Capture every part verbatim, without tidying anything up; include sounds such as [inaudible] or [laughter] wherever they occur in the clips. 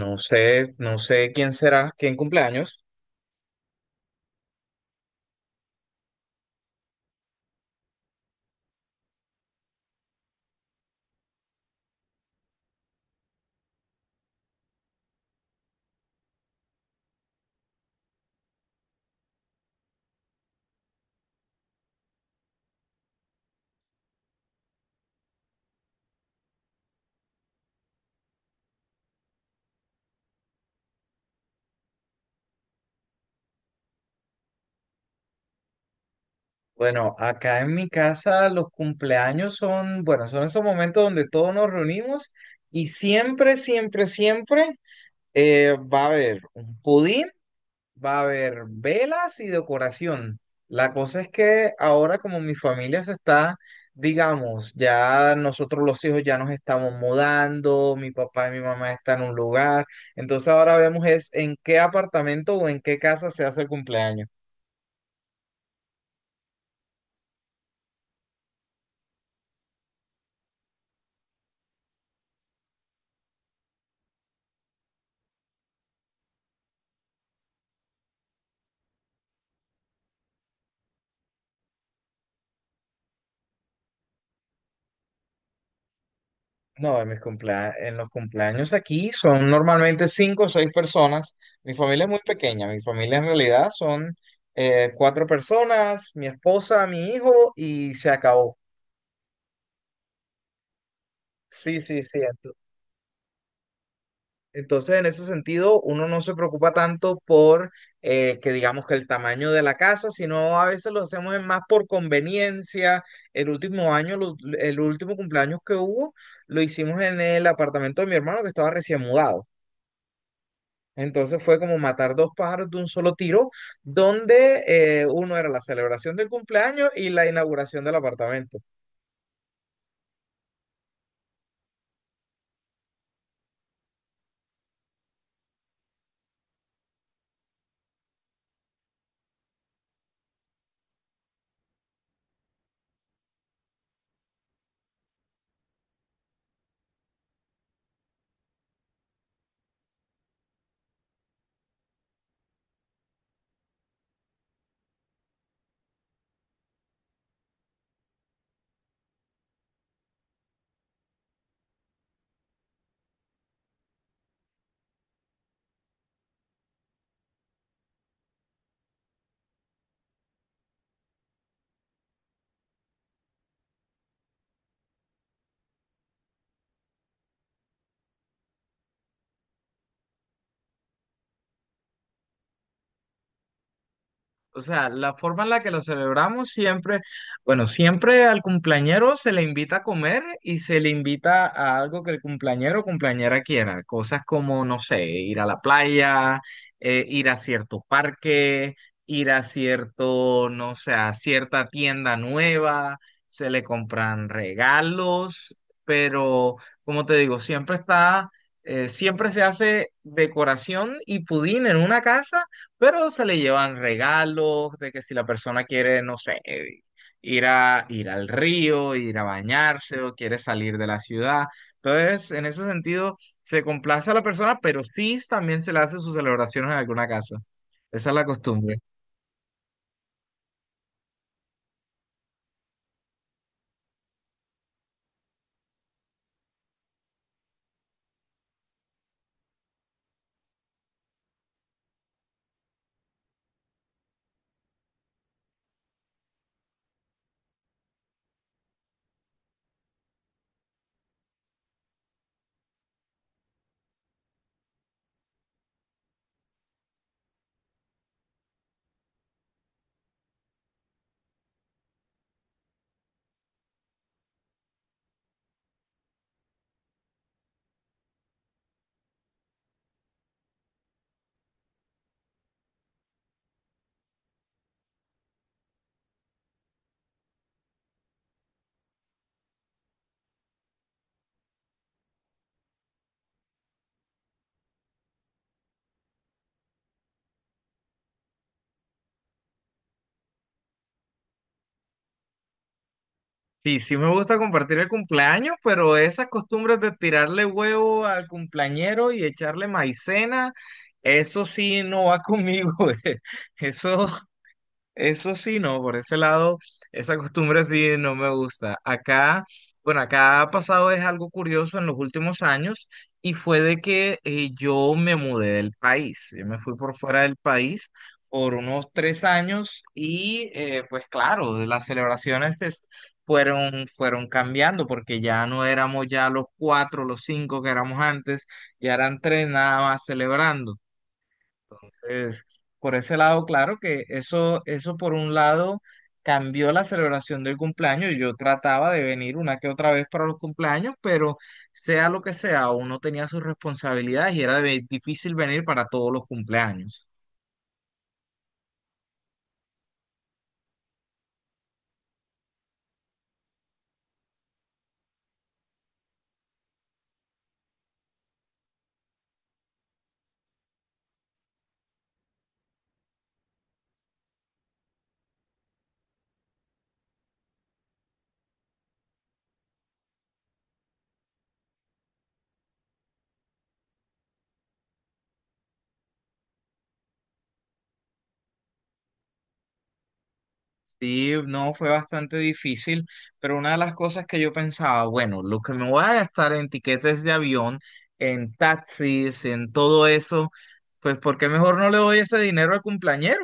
No sé, no sé quién será, quién cumpleaños. Bueno, acá en mi casa los cumpleaños son, bueno, son esos momentos donde todos nos reunimos y siempre, siempre, siempre eh, va a haber un pudín. Va a haber velas y decoración. La cosa es que ahora como mi familia se está, digamos, ya nosotros los hijos ya nos estamos mudando, mi papá y mi mamá están en un lugar, entonces ahora vemos es en qué apartamento o en qué casa se hace el cumpleaños. No, en mis cumplea- en los cumpleaños aquí son normalmente cinco o seis personas. Mi familia es muy pequeña, mi familia en realidad son eh, cuatro personas, mi esposa, mi hijo y se acabó. Sí, sí, sí. Entonces, en ese sentido, uno no se preocupa tanto por eh, que digamos que el tamaño de la casa, sino a veces lo hacemos es más por conveniencia. El último año, lo- el último cumpleaños que hubo, lo hicimos en el apartamento de mi hermano que estaba recién mudado. Entonces fue como matar dos pájaros de un solo tiro, donde eh, uno era la celebración del cumpleaños y la inauguración del apartamento. O sea, la forma en la que lo celebramos siempre, bueno, siempre al cumpleañero se le invita a comer y se le invita a algo que el cumpleañero o cumpleañera quiera. Cosas como, no sé, ir a la playa, eh, ir a cierto parque, ir a cierto, no sé, a cierta tienda nueva, se le compran regalos, pero como te digo, siempre está, eh, siempre se hace decoración y pudín en una casa, pero se le llevan regalos de que si la persona quiere, no sé, eh, ir a, ir al río, ir a bañarse o quiere salir de la ciudad. Entonces, en ese sentido, se complace a la persona, pero sí también se le hace sus celebraciones en alguna casa. Esa es la costumbre. Sí, sí me gusta compartir el cumpleaños, pero esas costumbres de tirarle huevo al cumpleañero y echarle maicena, eso sí no va conmigo. [laughs] eh. Eso Eso sí, no, por ese lado, esa costumbre sí no me gusta. Acá, bueno, acá ha pasado es algo curioso en los últimos años, y fue de que eh, yo me mudé del país. Yo me fui por fuera del país por unos tres años, y eh, pues claro, las celebraciones pues, fueron, fueron cambiando porque ya no éramos ya los cuatro, los cinco que éramos antes, ya eran tres nada más celebrando. Entonces, por ese lado, claro que eso, eso por un lado cambió la celebración del cumpleaños. Yo trataba de venir una que otra vez para los cumpleaños, pero sea lo que sea, uno tenía sus responsabilidades y era de- difícil venir para todos los cumpleaños. Sí, no, fue bastante difícil, pero una de las cosas que yo pensaba, bueno, lo que me voy a gastar en tiquetes de avión, en taxis, en todo eso, pues ¿por qué mejor no le doy ese dinero al cumpleañero?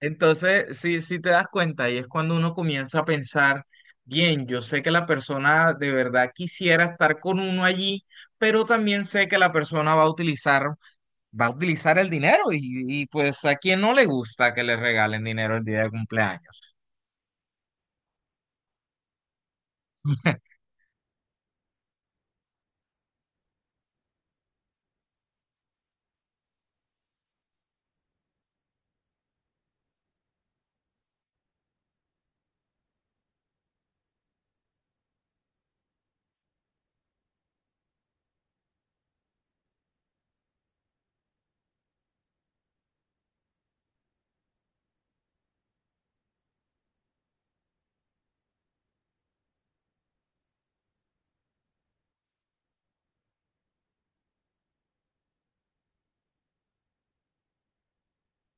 Entonces, sí sí te das cuenta, y es cuando uno comienza a pensar, bien, yo sé que la persona de verdad quisiera estar con uno allí, pero también sé que la persona va a utilizar, va a utilizar el dinero, y, y pues a quien no le gusta que le regalen dinero el día de cumpleaños. [laughs]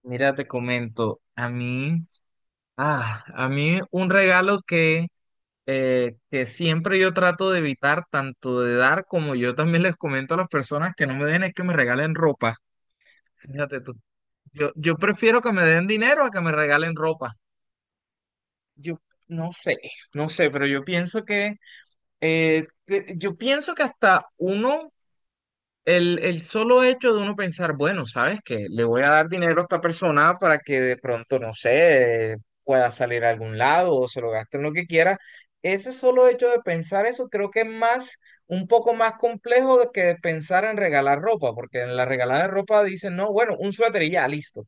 Mira, te comento, a mí, ah, a mí un regalo que, eh, que siempre yo trato de evitar, tanto de dar como yo también les comento a las personas que no me den, es que me regalen ropa. Fíjate tú. Yo, yo prefiero que me den dinero a que me regalen ropa. Yo no sé, no sé, pero yo pienso que, eh, que- yo pienso que hasta uno el, el solo hecho de uno pensar, bueno, ¿sabes qué? Le voy a dar dinero a esta persona para que de pronto, no sé, pueda salir a algún lado o se lo gaste en lo que quiera. Ese solo hecho de pensar eso creo que es más, un poco más complejo de que de pensar en regalar ropa, porque en la regalada de ropa dicen, no, bueno, un suéter y ya, listo.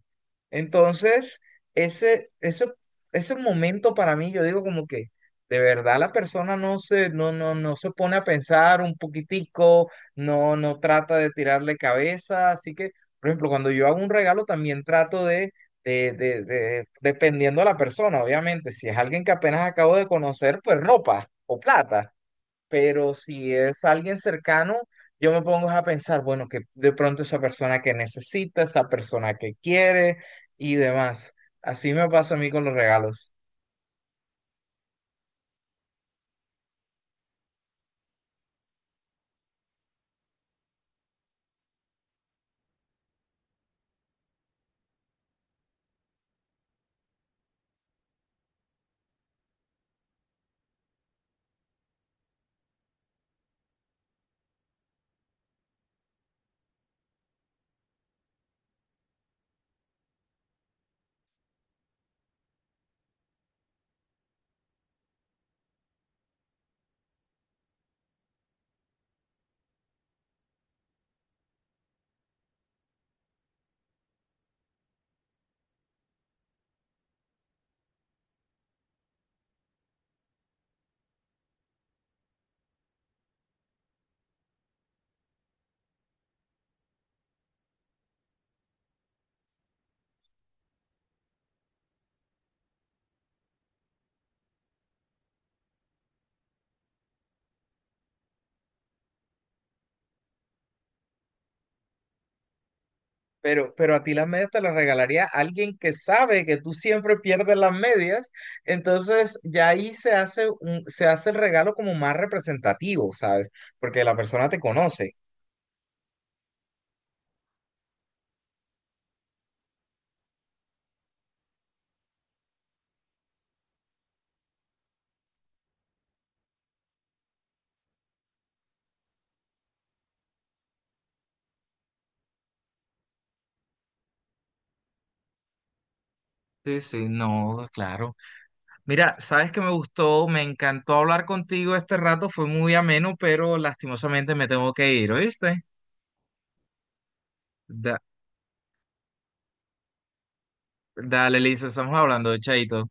Entonces, ese, ese, ese momento para mí, yo digo como que de verdad la persona no se, no, no, no se pone a pensar un poquitico, no, no trata de tirarle cabeza, así que, por ejemplo, cuando yo hago un regalo también trato de, de, de, de- dependiendo de la persona, obviamente, si es alguien que apenas acabo de conocer, pues ropa o plata, pero si es alguien cercano, yo me pongo a pensar, bueno, que de pronto esa persona que necesita, esa persona que quiere y demás. Así me pasa a mí con los regalos. Pero, pero a ti las medias te las regalaría alguien que sabe que tú siempre pierdes las medias, entonces ya ahí se hace un, se hace el regalo como más representativo, ¿sabes? Porque la persona te conoce. Sí, sí, no, claro. Mira, sabes que me gustó, me encantó hablar contigo este rato, fue muy ameno, pero lastimosamente me tengo que ir, ¿oíste? Da- dale, Lisa, estamos hablando, chaito.